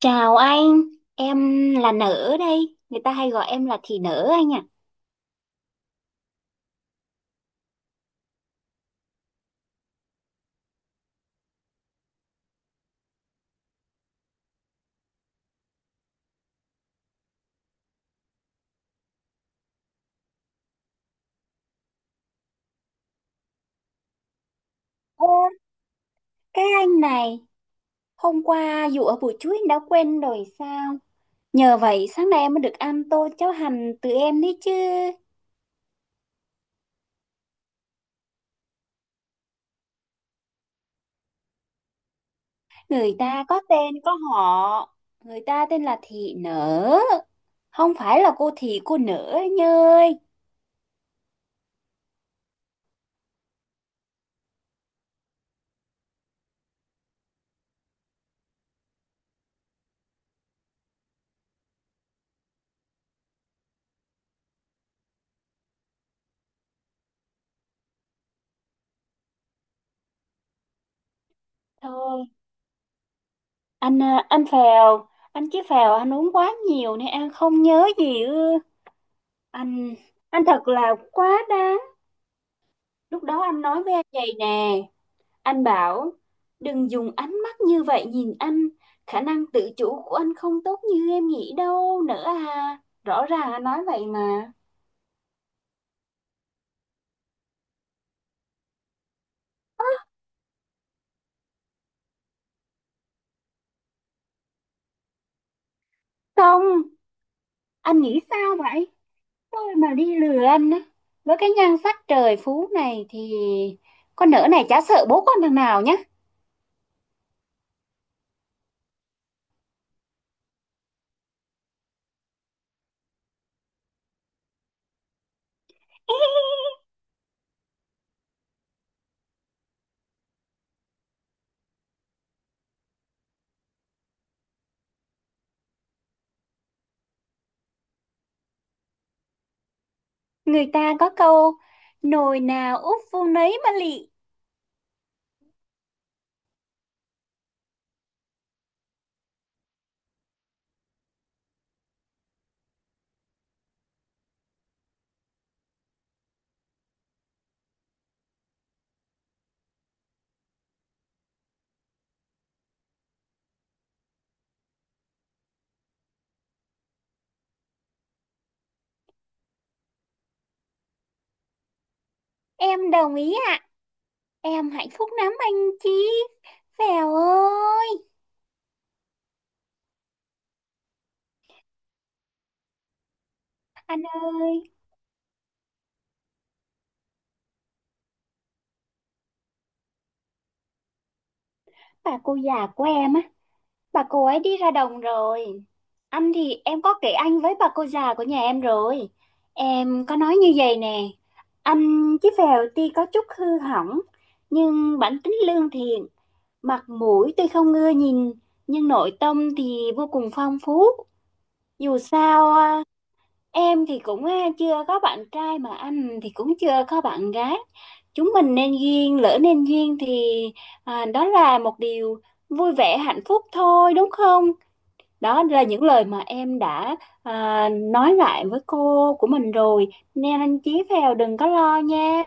Chào anh, em là Nở đây, người ta hay gọi em là Thị Nở anh ạ. Ô, cái anh này, hôm qua dù ở buổi trưa anh đã quên rồi sao? Nhờ vậy sáng nay em mới được ăn tô cháo hành từ em đấy chứ. Người ta có tên có họ, người ta tên là Thị Nở, không phải là cô Thị cô Nở anh ơi. Thôi, anh à, anh phèo, anh chí phèo anh uống quá nhiều nên anh không nhớ gì ư. Anh, anh thật là quá đáng. Lúc đó anh nói với em vậy nè, anh bảo đừng dùng ánh mắt như vậy nhìn anh, khả năng tự chủ của anh không tốt như em nghĩ đâu nữa à. Rõ ràng anh nói vậy mà. Không, anh nghĩ sao vậy? Tôi mà đi lừa anh á, với cái nhan sắc trời phú này thì con nỡ này chả sợ bố con thằng nào nhá. Người ta có câu nồi nào úp vô nấy mà lị. Em đồng ý ạ, em hạnh phúc lắm anh chị. Vèo ơi. Anh ơi, bà cô già của em á, bà cô ấy đi ra đồng rồi. Anh thì em có kể anh với bà cô già của nhà em rồi. Em có nói như vậy nè, anh chí phèo tuy có chút hư hỏng, nhưng bản tính lương thiện, mặt mũi tuy không ưa nhìn, nhưng nội tâm thì vô cùng phong phú. Dù sao em thì cũng chưa có bạn trai mà anh thì cũng chưa có bạn gái. Chúng mình nên duyên, lỡ nên duyên thì đó là một điều vui vẻ, hạnh phúc thôi đúng không? Đó là những lời mà em đã nói lại với cô của mình rồi. Nên anh Chí Phèo đừng có lo nha,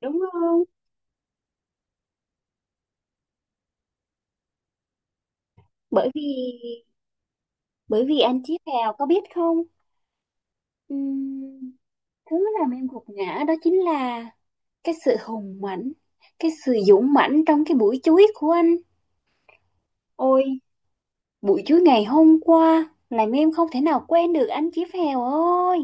đúng không? Bởi vì bởi vì anh Chí Phèo có biết không? Ừm, thứ làm em gục ngã đó chính là cái sự hùng mạnh, cái sự dũng mãnh trong cái buổi chuối của anh. Ôi, buổi chuối ngày hôm qua làm em không thể nào quên được anh Chí Phèo ơi.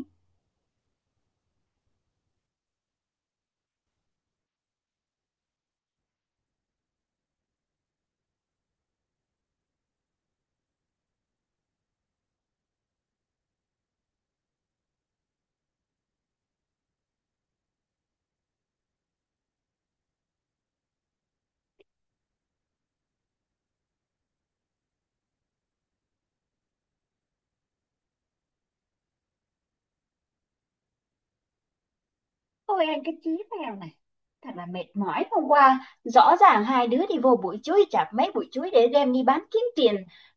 Ôi anh cái chí phèo này, thật là mệt mỏi. Hôm qua rõ ràng hai đứa đi vô bụi chuối, chặt mấy bụi chuối để đem đi bán kiếm tiền.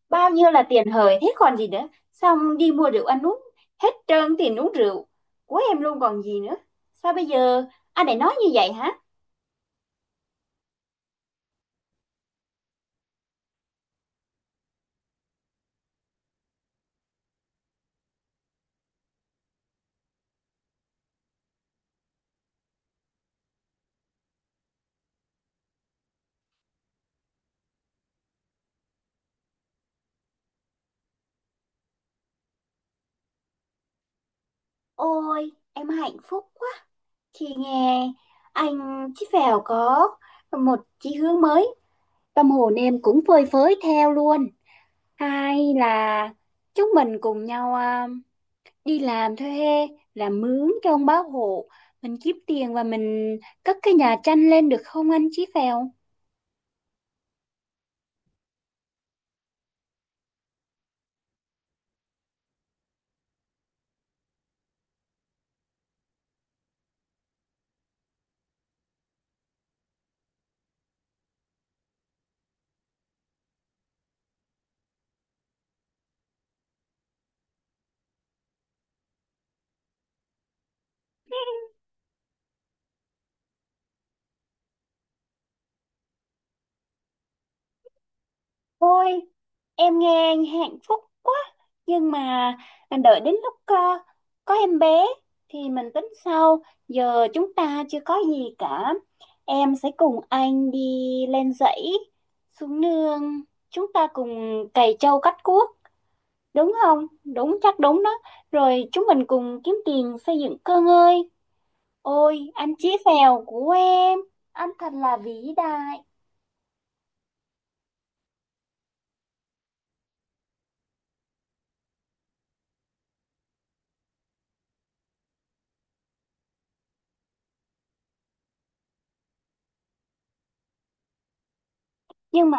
Bao nhiêu là tiền hời thế còn gì nữa. Xong đi mua rượu ăn uống, hết trơn tiền uống rượu của em luôn còn gì nữa. Sao bây giờ anh lại nói như vậy hả? Ôi em hạnh phúc quá. Chị nghe anh Chí Phèo có một chí hướng mới, tâm hồn em cũng phơi phới theo luôn. Hay là chúng mình cùng nhau đi làm thuê, làm mướn cho ông bá hộ, mình kiếm tiền và mình cất cái nhà tranh lên được không anh Chí Phèo? Ôi, em nghe anh hạnh phúc quá. Nhưng mà đợi đến lúc có em bé thì mình tính sau. Giờ chúng ta chưa có gì cả. Em sẽ cùng anh đi lên dãy, xuống nương. Chúng ta cùng cày trâu cắt cuốc. Đúng không? Đúng, chắc đúng đó. Rồi chúng mình cùng kiếm tiền xây dựng cơ ngơi. Ôi, anh chí phèo của em. Anh thật là vĩ đại. Nhưng mà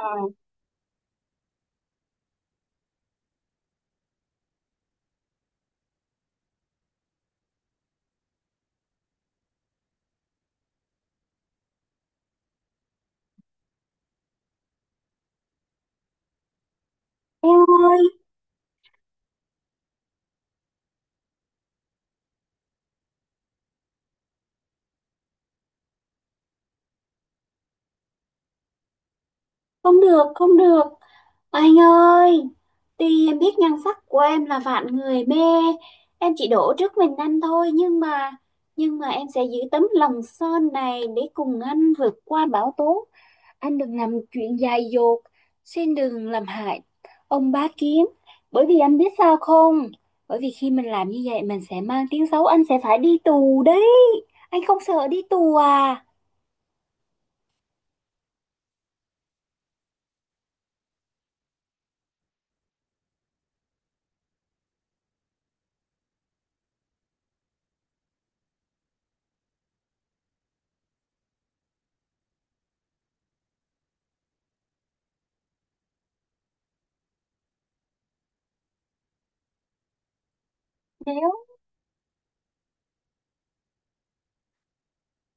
em ơi, không được, không được. Anh ơi, tuy em biết nhan sắc của em là vạn người mê, em chỉ đổ trước mình anh thôi, nhưng mà em sẽ giữ tấm lòng son này để cùng anh vượt qua bão tố. Anh đừng làm chuyện dại dột, xin đừng làm hại ông bá kiến. Bởi vì anh biết sao không? Bởi vì khi mình làm như vậy mình sẽ mang tiếng xấu, anh sẽ phải đi tù đấy. Anh không sợ đi tù à? Nếu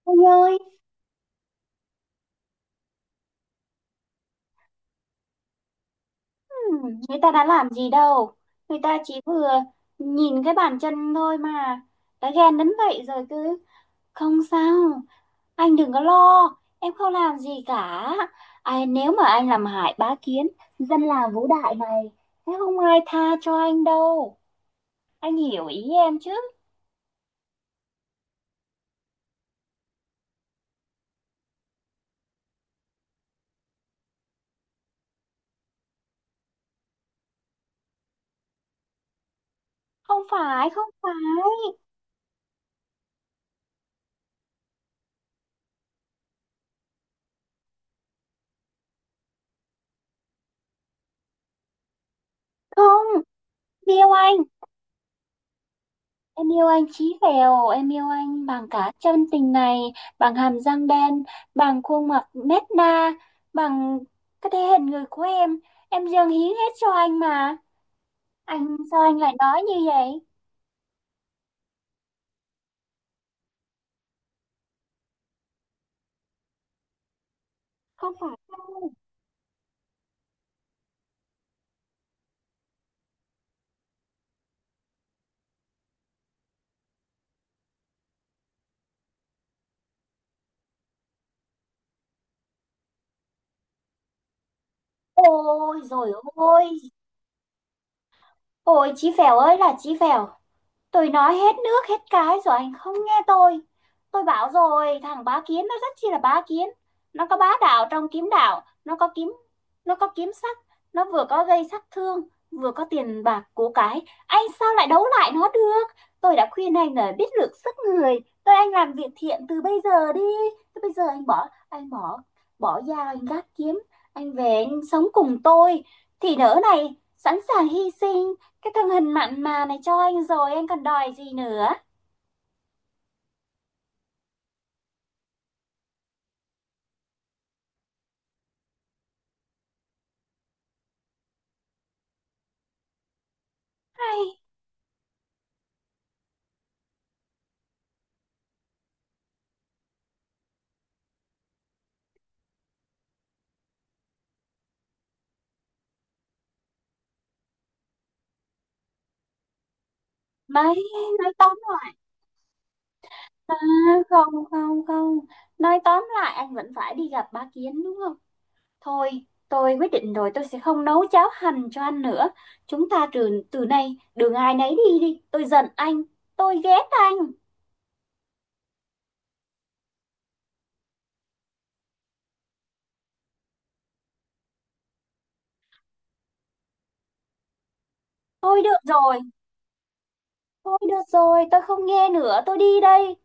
anh ơi. Ừ, người ta đã làm gì đâu, người ta chỉ vừa nhìn cái bàn chân thôi mà đã ghen đến vậy rồi. Cứ không sao, anh đừng có lo, em không làm gì cả ai. Nếu mà anh làm hại bá kiến, dân làng Vũ Đại này sẽ không ai tha cho anh đâu, anh hiểu ý em chứ? Không phải không. Điều anh, em yêu anh chí phèo, em yêu anh bằng cả chân tình này, bằng hàm răng đen, bằng khuôn mặt nét na, bằng cái thể hình người của em. Em dâng hiến hết cho anh mà. Anh sao anh lại nói như vậy? Không phải đâu. Ôi rồi ôi, ôi chí phèo ơi là chí phèo. Tôi nói hết nước hết cái rồi anh không nghe tôi. Tôi bảo rồi, thằng bá kiến nó rất chi là bá kiến. Nó có bá đạo trong kiếm đạo, nó có kiếm sắc, nó vừa có gây sát thương, vừa có tiền bạc của cái. Anh sao lại đấu lại nó được? Tôi đã khuyên anh là biết lượng sức người. Tôi anh làm việc thiện từ bây giờ đi. Thế bây giờ anh bỏ bỏ dao anh gác kiếm, anh về anh sống cùng tôi thì nỡ này sẵn sàng hy sinh cái thân hình mặn mà này cho anh rồi anh còn đòi gì nữa. Hay mấy nói tóm lại, à, không không không, nói tóm lại anh vẫn phải đi gặp bá Kiến đúng không? Thôi, tôi quyết định rồi, tôi sẽ không nấu cháo hành cho anh nữa. Chúng ta từ từ nay đường ai nấy đi đi. Tôi giận anh, tôi ghét anh. Được rồi, thôi được rồi, tôi không nghe nữa, tôi đi đây.